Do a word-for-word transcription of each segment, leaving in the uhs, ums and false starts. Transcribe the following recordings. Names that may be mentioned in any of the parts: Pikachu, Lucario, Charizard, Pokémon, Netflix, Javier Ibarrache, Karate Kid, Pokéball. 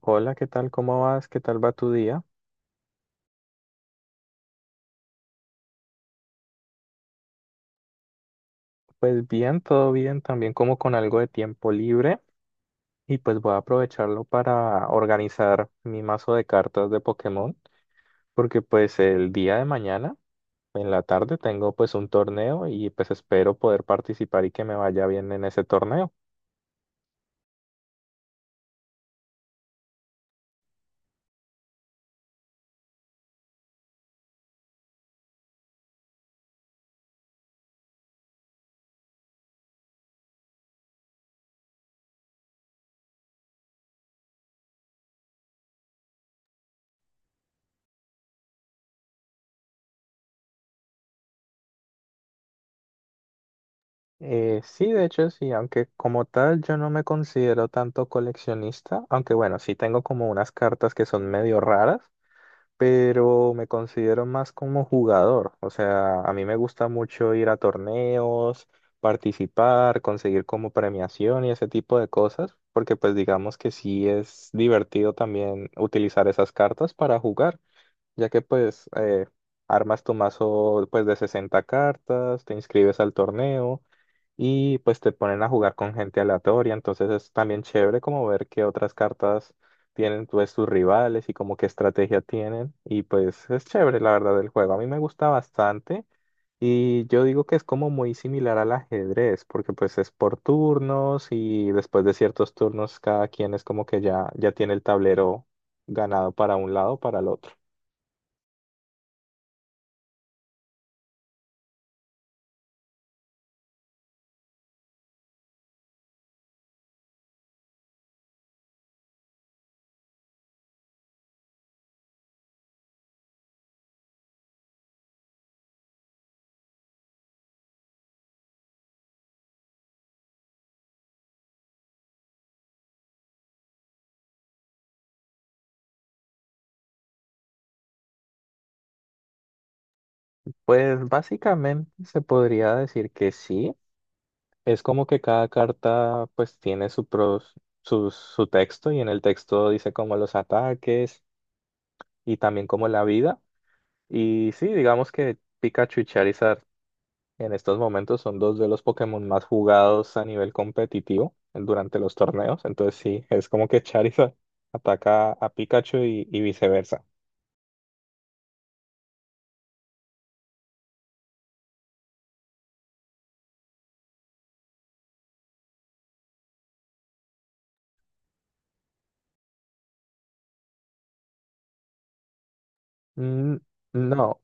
Hola, ¿qué tal? ¿Cómo vas? ¿Qué tal va tu día? Pues bien, todo bien, también como con algo de tiempo libre y pues voy a aprovecharlo para organizar mi mazo de cartas de Pokémon porque pues el día de mañana en la tarde tengo pues un torneo y pues espero poder participar y que me vaya bien en ese torneo. Eh, sí, de hecho sí, aunque como tal yo no me considero tanto coleccionista, aunque bueno, sí tengo como unas cartas que son medio raras pero me considero más como jugador. O sea, a mí me gusta mucho ir a torneos, participar, conseguir como premiación y ese tipo de cosas, porque pues digamos que sí es divertido también utilizar esas cartas para jugar, ya que pues eh, armas tu mazo pues de sesenta cartas, te inscribes al torneo y pues te ponen a jugar con gente aleatoria, entonces es también chévere como ver qué otras cartas tienen pues tus rivales y como qué estrategia tienen y pues es chévere la verdad del juego, a mí me gusta bastante y yo digo que es como muy similar al ajedrez porque pues es por turnos y después de ciertos turnos cada quien es como que ya, ya tiene el tablero ganado para un lado o para el otro. Pues básicamente se podría decir que sí. Es como que cada carta pues tiene su, pros- su, su texto y en el texto dice como los ataques y también como la vida. Y sí, digamos que Pikachu y Charizard en estos momentos son dos de los Pokémon más jugados a nivel competitivo durante los torneos. Entonces sí, es como que Charizard ataca a Pikachu y, y viceversa. Mm, no,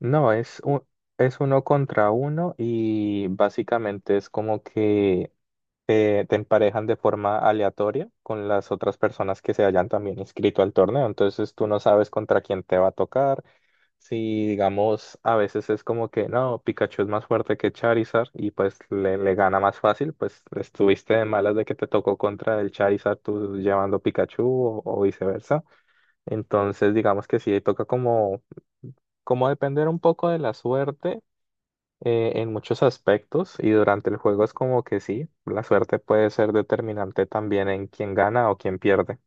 no, es un, es uno contra uno y básicamente es como que... te, te emparejan de forma aleatoria con las otras personas que se hayan también inscrito al torneo. Entonces tú no sabes contra quién te va a tocar. Si digamos, a veces es como que no, Pikachu es más fuerte que Charizard y pues le, le gana más fácil, pues estuviste de malas de que te tocó contra el Charizard tú llevando Pikachu o, o viceversa. Entonces digamos que sí, toca como, como depender un poco de la suerte eh, en muchos aspectos y durante el juego es como que sí, la suerte puede ser determinante también en quién gana o quién pierde.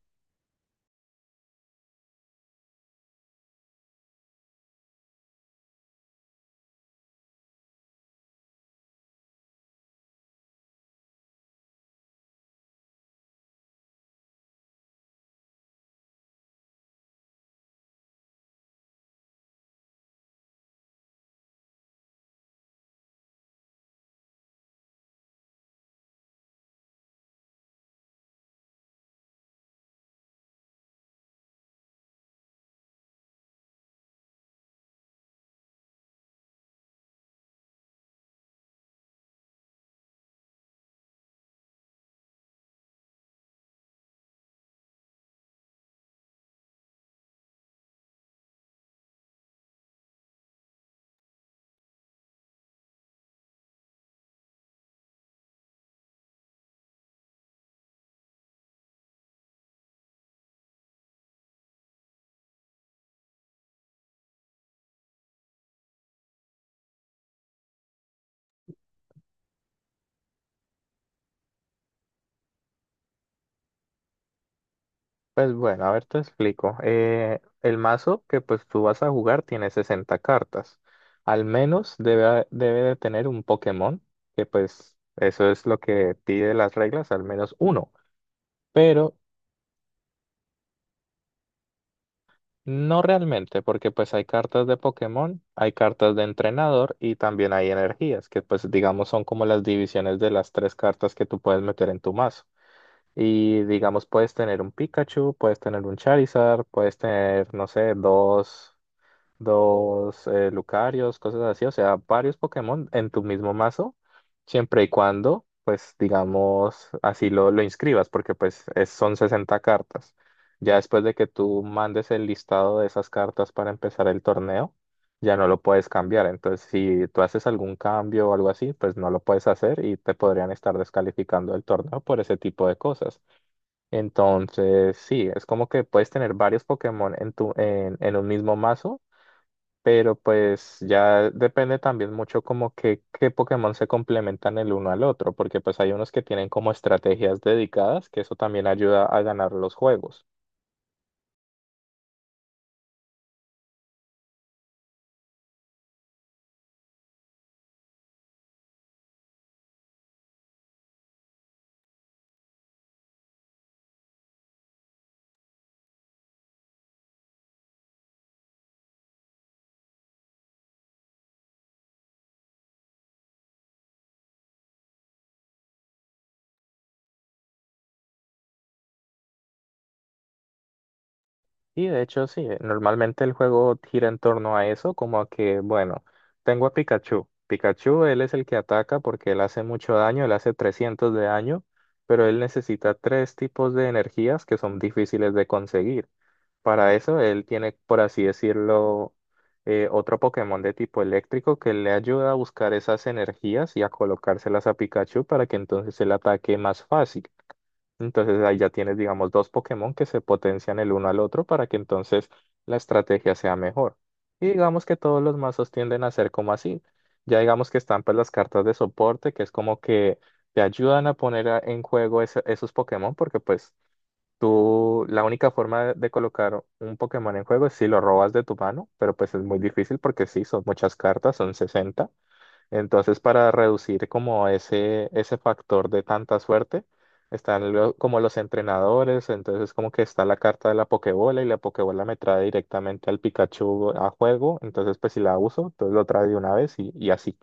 Pues bueno, a ver, te explico. Eh, el mazo que pues tú vas a jugar tiene sesenta cartas. Al menos debe, debe de tener un Pokémon, que pues eso es lo que pide las reglas, al menos uno. Pero. No realmente, porque pues hay cartas de Pokémon, hay cartas de entrenador y también hay energías, que pues digamos son como las divisiones de las tres cartas que tú puedes meter en tu mazo. Y digamos puedes tener un Pikachu, puedes tener un Charizard, puedes tener, no sé, dos dos eh, Lucarios, cosas así, o sea, varios Pokémon en tu mismo mazo, siempre y cuando, pues, digamos, así lo, lo inscribas, porque pues es- son sesenta cartas. Ya después de que tú mandes el listado de esas cartas para empezar el torneo, ya no lo puedes cambiar. Entonces, si tú haces algún cambio o algo así, pues no lo puedes hacer y te podrían estar descalificando el torneo por ese tipo de cosas. Entonces, sí, es como que puedes tener varios Pokémon en tu, en, en un mismo mazo pero pues ya depende también mucho como que qué Pokémon se complementan el uno al otro, porque pues hay unos que tienen como estrategias dedicadas, que eso también ayuda a ganar los juegos. Y de hecho sí, eh, normalmente el juego gira en torno a eso, como a que, bueno, tengo a Pikachu. Pikachu, él es el que ataca porque él hace mucho daño, él hace trescientos de daño, pero él necesita tres tipos de energías que son difíciles de conseguir. Para eso, él tiene, por así decirlo, eh, otro Pokémon de tipo eléctrico que le ayuda a buscar esas energías y a colocárselas a Pikachu para que entonces el ataque más fácil. Entonces ahí ya tienes, digamos, dos Pokémon que se potencian el uno al otro para que entonces la estrategia sea mejor. Y digamos que todos los mazos tienden a ser como así. Ya digamos que están pues las cartas de soporte, que es como que te ayudan a poner a- en juego ese- esos Pokémon porque pues tú, la única forma de colocar un Pokémon en juego es si lo robas de tu mano, pero pues es muy difícil porque sí, son muchas cartas, son sesenta. Entonces, para reducir como ese, ese factor de tanta suerte, están lo- como los entrenadores, entonces como que está la carta de la Pokébola y la Pokébola me trae directamente al Pikachu a juego, entonces pues si la uso, entonces lo trae de una vez y, y así.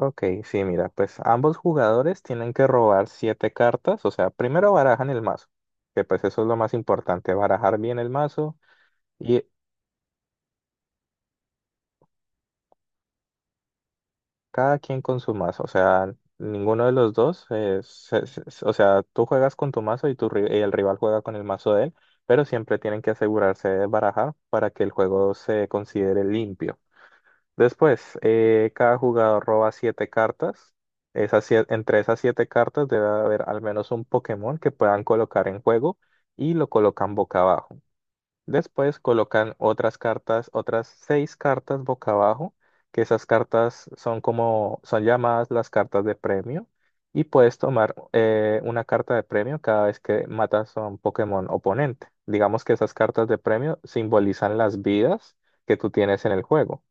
Ok, sí, mira, pues ambos jugadores tienen que robar siete cartas, o sea, primero barajan el mazo, que pues eso es lo más importante, barajar bien el mazo y cada quien con su mazo, o sea, ninguno de los dos, eh, se- se- se- o sea, tú juegas con tu mazo y, tu, ri- y el rival juega con el mazo de él, pero siempre tienen que asegurarse de barajar para que el juego se considere limpio. Después, eh, cada jugador roba siete cartas. Esas sie- entre esas siete cartas debe haber al menos un Pokémon que puedan colocar en juego y lo colocan boca abajo. Después colocan otras cartas, otras seis cartas boca abajo, que esas cartas son como, son llamadas las cartas de premio. Y puedes tomar eh, una carta de premio cada vez que matas a un Pokémon oponente. Digamos que esas cartas de premio simbolizan las vidas que tú tienes en el juego.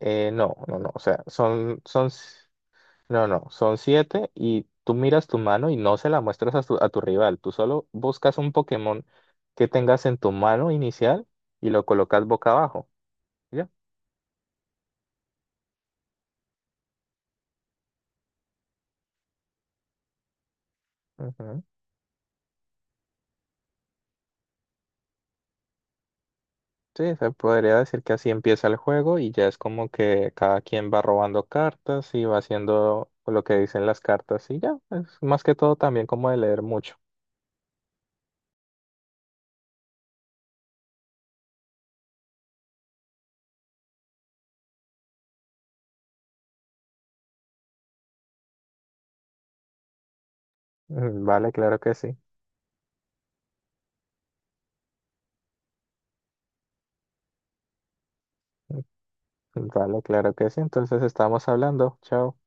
Eh, no, no, no, o sea, son, son, s- no, no, son siete y tú miras tu mano y no se la muestras a tu, a tu rival, tú solo buscas un Pokémon que tengas en tu mano inicial y lo colocas boca abajo, ¿ya? Ujú. Sí, se podría decir que así empieza el juego y ya es como que cada quien va robando cartas y va haciendo lo que dicen las cartas y ya, es más que todo también como de leer mucho. Mm, vale, claro que sí. Mm, vale, claro que sí, entonces estamos hablando, chao.